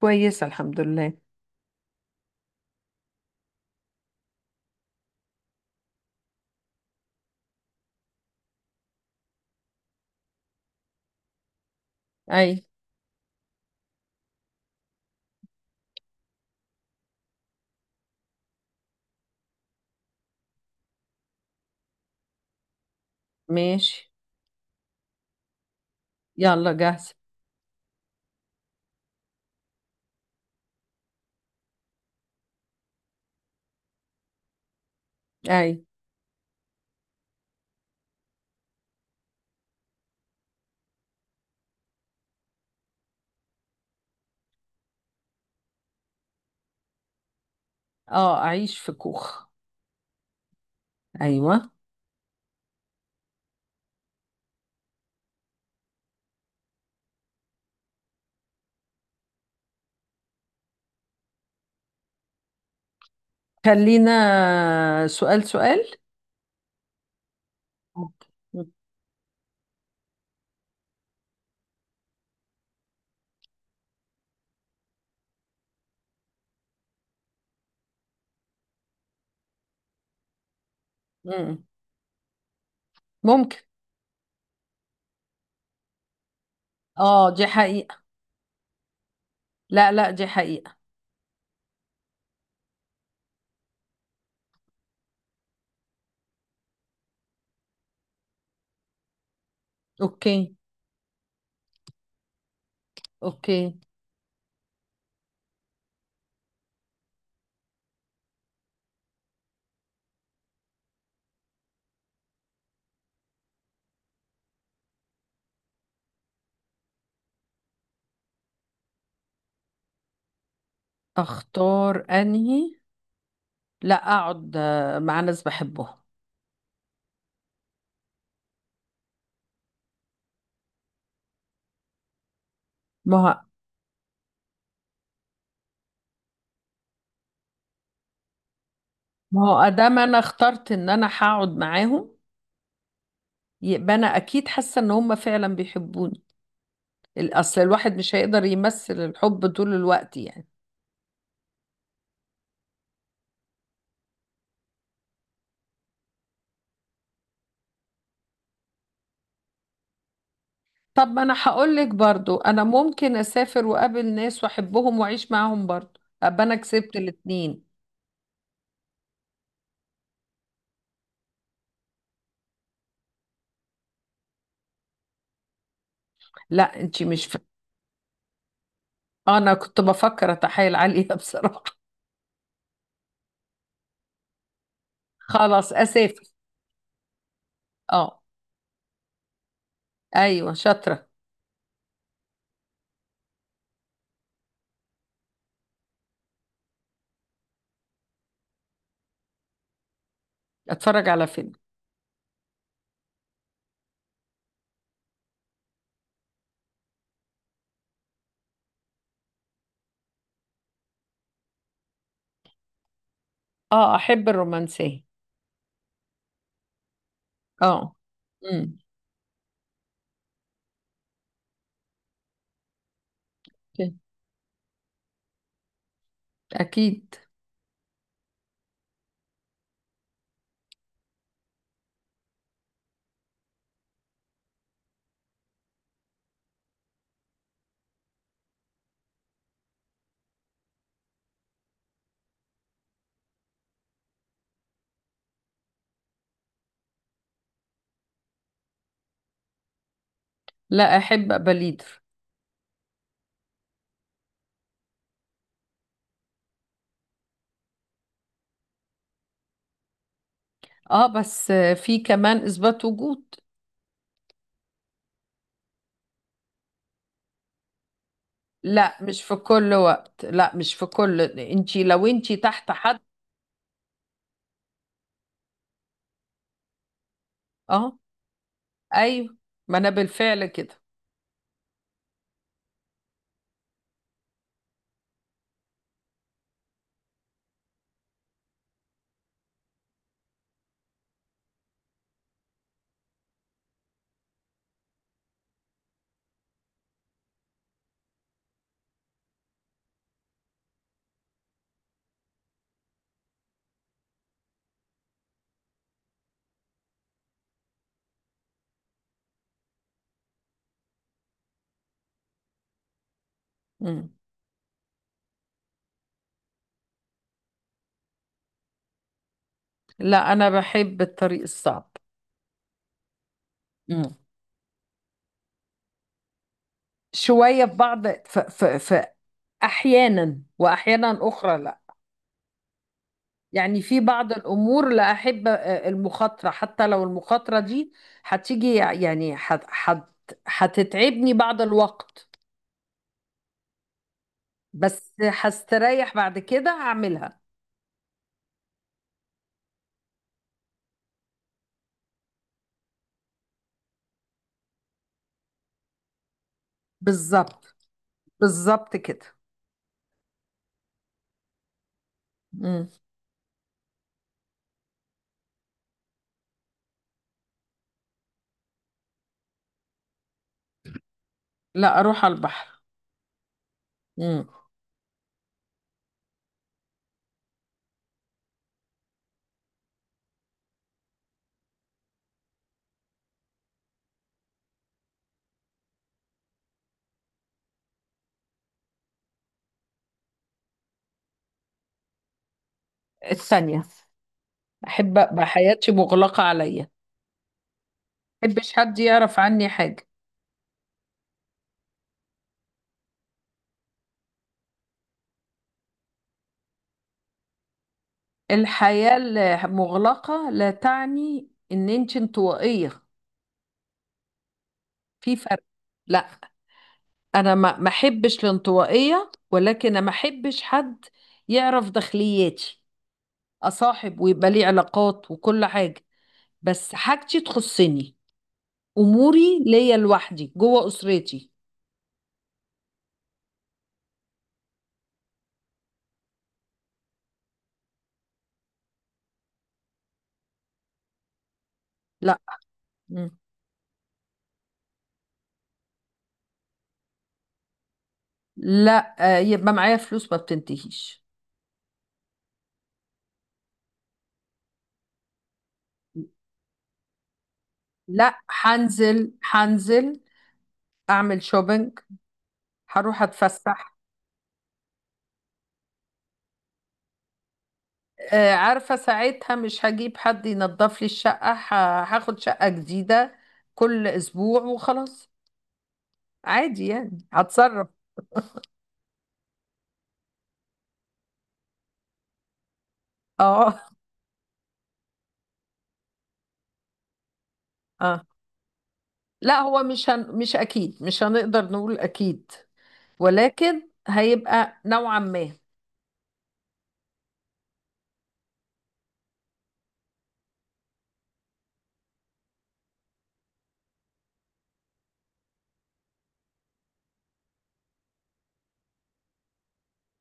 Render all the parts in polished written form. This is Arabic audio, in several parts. كويسة، الحمد لله. أي. ماشي. يلا، جاهزة. أي. أه، أعيش في كوخ. أيوة. خلينا سؤال سؤال. ممكن. مم. ممكن. أه، دي حقيقة. لا، لا، دي حقيقة. أوكي، أوكي. أختار أنهي؟ لا، أقعد مع ناس بحبهم. ما هو، ما هو أدام أنا اخترت إن أنا هقعد معاهم، يبقى أنا أكيد حاسة إن هم فعلا بيحبوني. الأصل الواحد مش هيقدر يمثل الحب طول الوقت يعني. طب ما انا هقول لك برضو انا ممكن اسافر واقابل ناس واحبهم واعيش معاهم برضو ابقى انا كسبت الاتنين. لا، انتي مش ف... انا كنت بفكر اتحايل عليها بصراحة. خلاص، اسافر. اه. ايوه، شاطرة. اتفرج على فيلم. اه، احب الرومانسية. اه. امم. اكيد. لا، احب ابقى ليدر. اه، بس في كمان اثبات وجود. لا، مش في كل وقت، لا، مش في كل انتي، لو انتي تحت حد. اه. ايوه. ما انا بالفعل كده. مم. لا، انا بحب الطريق الصعب. مم. شوية في بعض، ف ف ف أحيانا وأحيانا أخرى لا. يعني في بعض الأمور لا أحب المخاطرة، حتى لو المخاطرة دي هتيجي يعني هت هت هتتعبني بعض الوقت، بس هستريح بعد كده هعملها. بالظبط، بالظبط كده. مم. لا، أروح على البحر. مم. الثانية. أحب أبقى حياتي مغلقة عليا. محبش حد يعرف عني حاجة. الحياة المغلقة لا تعني ان انت انطوائية. في فرق. لا، انا ما احبش الانطوائية، ولكن أنا ما احبش حد يعرف داخلياتي. اصاحب ويبقى لي علاقات وكل حاجة، بس حاجتي تخصني. اموري ليا لوحدي جوه اسرتي. لا. مم. لا، يبقى معايا فلوس ما بتنتهيش. لا، هنزل، هنزل اعمل شوبينج، هروح اتفسح. عارفة ساعتها مش هجيب حد ينظف لي الشقة، هاخد شقة جديدة كل أسبوع وخلاص. عادي يعني، هتصرف. اه. اه. لا، هو مش أكيد، مش هنقدر نقول أكيد، ولكن هيبقى نوعا ما.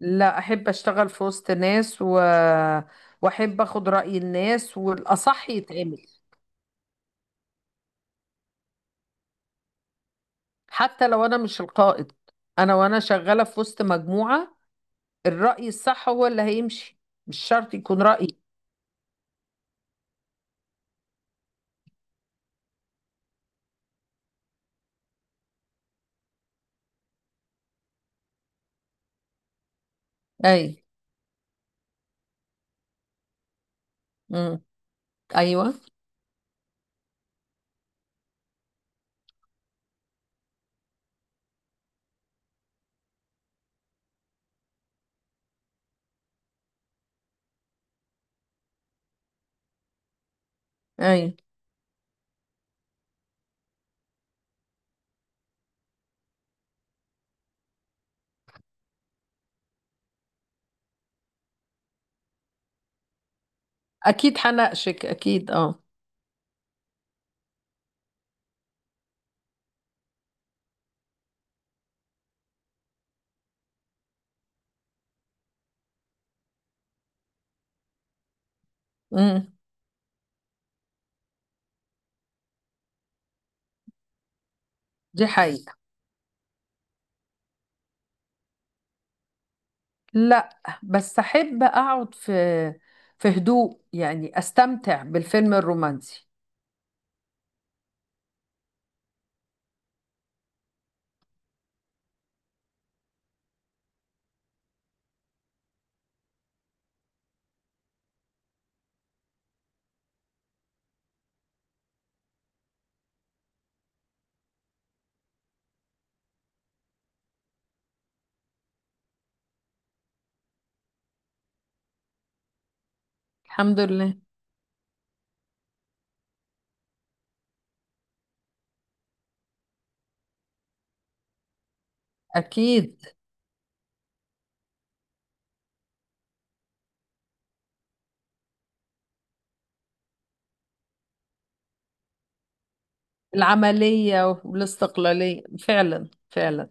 لا، أحب أشتغل في وسط ناس وأحب أخد رأي الناس، والأصح يتعمل. حتى لو أنا مش القائد، أنا وأنا شغالة في وسط مجموعة، الرأي الصح هو اللي هيمشي، مش شرط يكون رأيي. اي. امم. ايوه. اي. اكيد هناقشك، اكيد. اه. امم دي حقيقة. لا، بس احب اقعد في هدوء، يعني استمتع بالفيلم الرومانسي. الحمد لله. اكيد. العملية والاستقلالية، فعلا فعلا.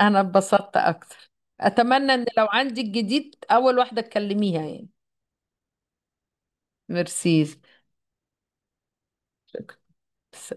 انا اتبسطت اكتر. اتمنى ان لو عندي الجديد اول واحدة تكلميها يعني. ميرسي. شكرا.